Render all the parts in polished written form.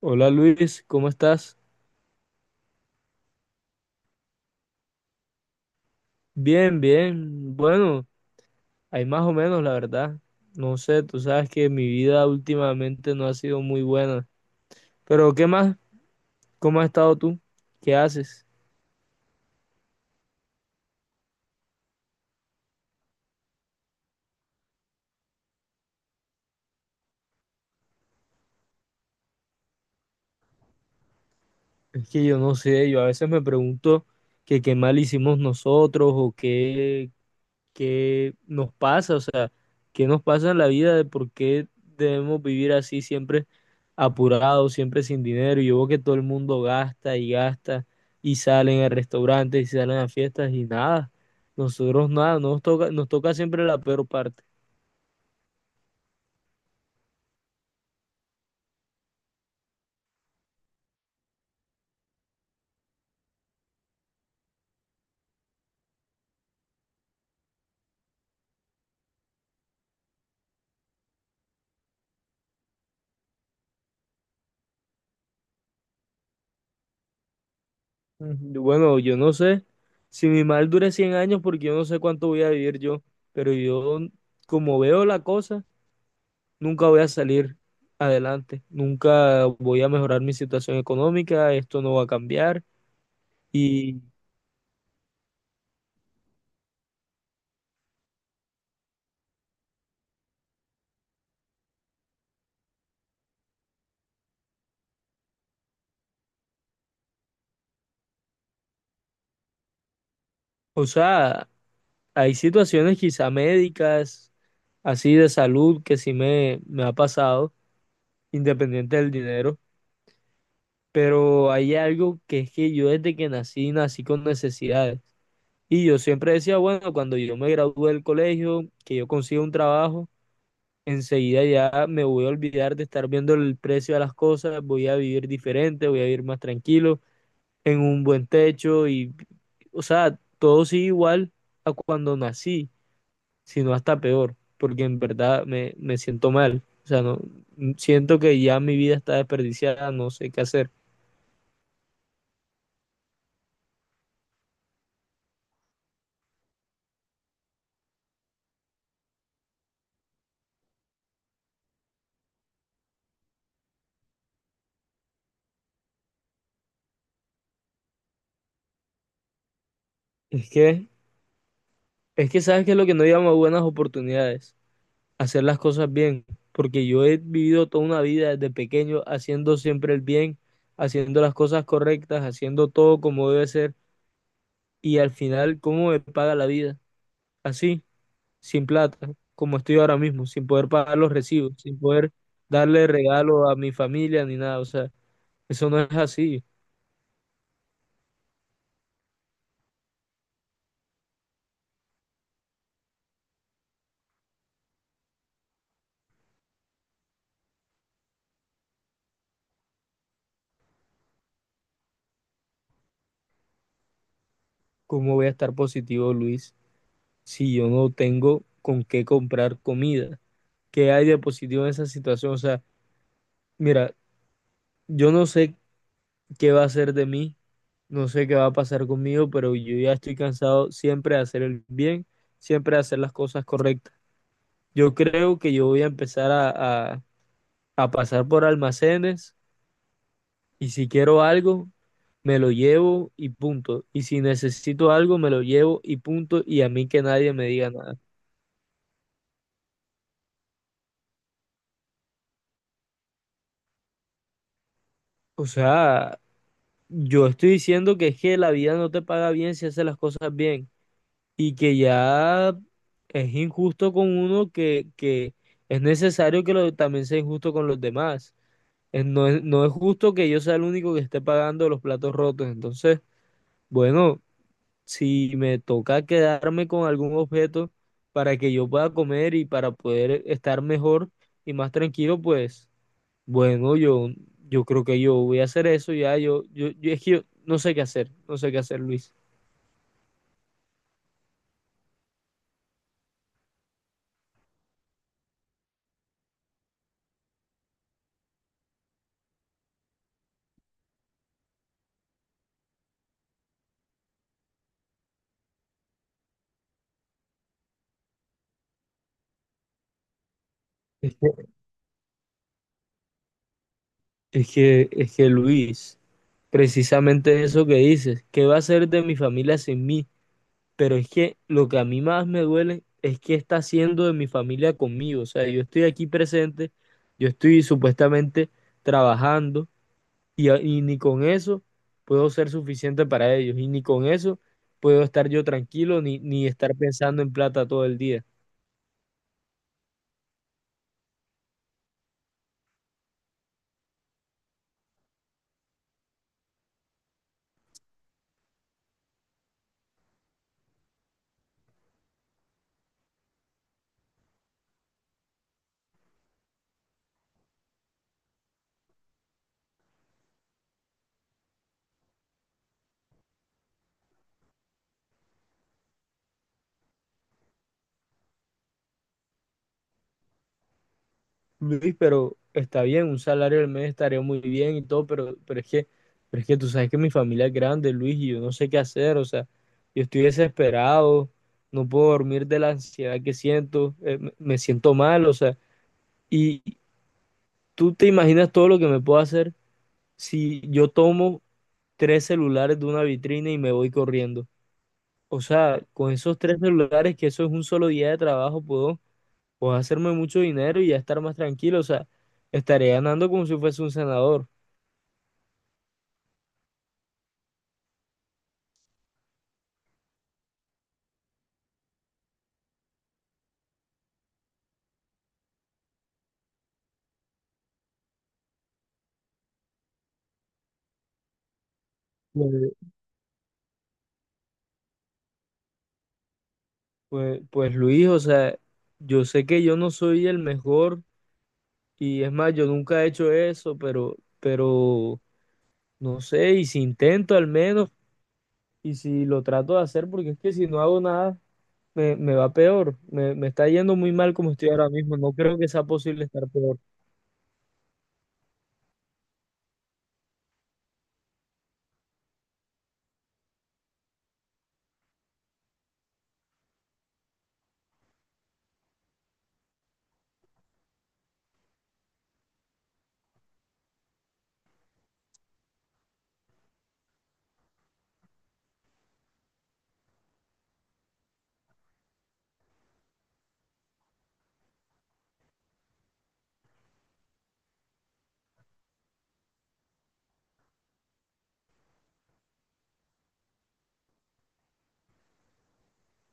Hola Luis, ¿cómo estás? Bien, bien. Bueno, hay más o menos, la verdad. No sé, tú sabes que mi vida últimamente no ha sido muy buena. Pero ¿qué más? ¿Cómo has estado tú? ¿Qué haces? Es que yo no sé, yo a veces me pregunto que qué mal hicimos nosotros o qué nos pasa, o sea, qué nos pasa en la vida de por qué debemos vivir así siempre apurado, siempre sin dinero. Y yo veo que todo el mundo gasta y gasta y salen a restaurantes y salen a fiestas y nada. Nosotros nada, nos toca siempre la peor parte. Ujú. Bueno, yo no sé si mi mal dure 100 años porque yo no sé cuánto voy a vivir yo, pero yo, como veo la cosa, nunca voy a salir adelante, nunca voy a mejorar mi situación económica, esto no va a cambiar y, o sea, hay situaciones quizá médicas así de salud que sí me ha pasado, independiente del dinero, pero hay algo que es que yo desde que nací, nací con necesidades. Y yo siempre decía, bueno, cuando yo me gradúe del colegio, que yo consiga un trabajo, enseguida ya me voy a olvidar de estar viendo el precio de las cosas, voy a vivir diferente, voy a vivir más tranquilo, en un buen techo y, o sea, todo sigue igual a cuando nací, sino hasta peor, porque en verdad me siento mal. O sea, no, siento que ya mi vida está desperdiciada, no sé qué hacer. Es que, es que sabes que es lo que no llama buenas oportunidades: hacer las cosas bien, porque yo he vivido toda una vida desde pequeño haciendo siempre el bien, haciendo las cosas correctas, haciendo todo como debe ser, y al final, ¿cómo me paga la vida? Así, sin plata, como estoy ahora mismo, sin poder pagar los recibos, sin poder darle regalo a mi familia ni nada, o sea. Eso no es así. ¿Cómo voy a estar positivo, Luis, si yo no tengo con qué comprar comida? ¿Qué hay de positivo en esa situación? O sea, mira, yo no sé qué va a hacer de mí, no sé qué va a pasar conmigo, pero yo ya estoy cansado siempre de hacer el bien, siempre de hacer las cosas correctas. Yo creo que yo voy a empezar a pasar por almacenes y si quiero algo, me lo llevo y punto. Y si necesito algo, me lo llevo y punto. Y a mí que nadie me diga nada. O sea, yo estoy diciendo que es que la vida no te paga bien si haces las cosas bien y que ya es injusto con uno que es necesario que también sea injusto con los demás. No es justo que yo sea el único que esté pagando los platos rotos. Entonces, bueno, si me toca quedarme con algún objeto para que yo pueda comer y para poder estar mejor y más tranquilo, pues... Bueno, yo creo que yo voy a hacer eso ya. Es que yo no sé qué hacer, no sé qué hacer, Luis. Es que, es que Luis, precisamente eso que dices, ¿qué va a ser de mi familia sin mí? Pero es que lo que a mí más me duele es que está haciendo de mi familia conmigo. O sea, yo estoy aquí presente, yo estoy supuestamente trabajando y ni con eso puedo ser suficiente para ellos. Y ni con eso puedo estar yo tranquilo ni estar pensando en plata todo el día. Luis, pero está bien, un salario al mes estaría muy bien y todo, pero es que tú sabes que mi familia es grande, Luis, y yo no sé qué hacer, o sea, yo estoy desesperado, no puedo dormir de la ansiedad que siento. Me siento mal, o sea, y tú te imaginas todo lo que me puedo hacer si yo tomo tres celulares de una vitrina y me voy corriendo. O sea, con esos tres celulares, que eso es un solo día de trabajo, puedo hacerme mucho dinero y ya estar más tranquilo, o sea, estaré ganando como si fuese un senador. Pues, pues, Luis, o sea, yo sé que yo no soy el mejor y es más, yo nunca he hecho eso, pero, no sé, y si intento al menos, y si lo trato de hacer, porque es que si no hago nada, me va peor, me está yendo muy mal como estoy ahora mismo, no creo que sea posible estar peor.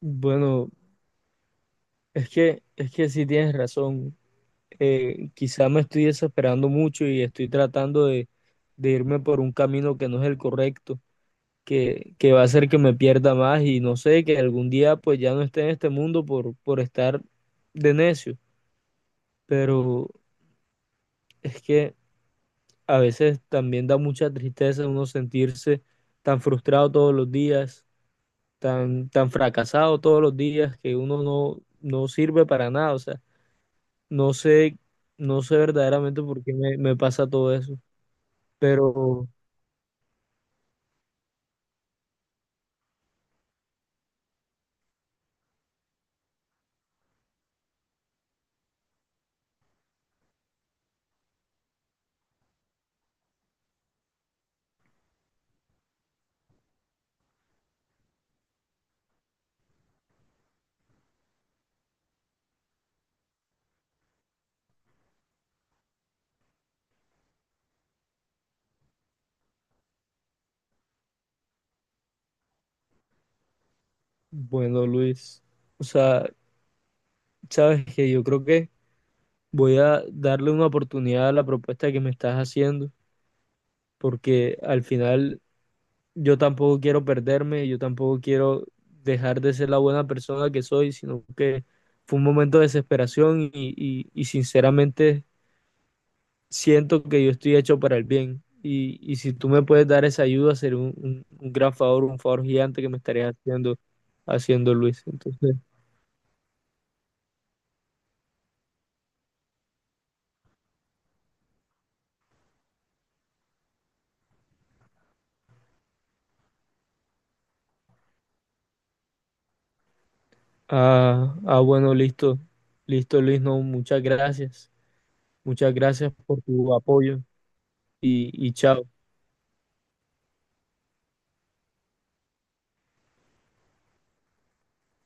Bueno, es que sí tienes razón. Quizá me estoy desesperando mucho y estoy tratando de irme por un camino que no es el correcto, que va a hacer que me pierda más y no sé, que algún día pues ya no esté en este mundo por estar de necio. Pero es que a veces también da mucha tristeza uno sentirse tan frustrado todos los días, tan fracasado todos los días, que uno no sirve para nada. O sea, no sé, no sé verdaderamente por qué me pasa todo eso, pero bueno, Luis, o sea, sabes que yo creo que voy a darle una oportunidad a la propuesta que me estás haciendo, porque al final yo tampoco quiero perderme, yo tampoco quiero dejar de ser la buena persona que soy, sino que fue un momento de desesperación y sinceramente siento que yo estoy hecho para el bien. Y si tú me puedes dar esa ayuda, sería un gran favor, un favor gigante que me estarías haciendo Luis. Entonces. Ah, ah, bueno, listo. Listo, Luis, no, muchas gracias. Muchas gracias por tu apoyo y chao.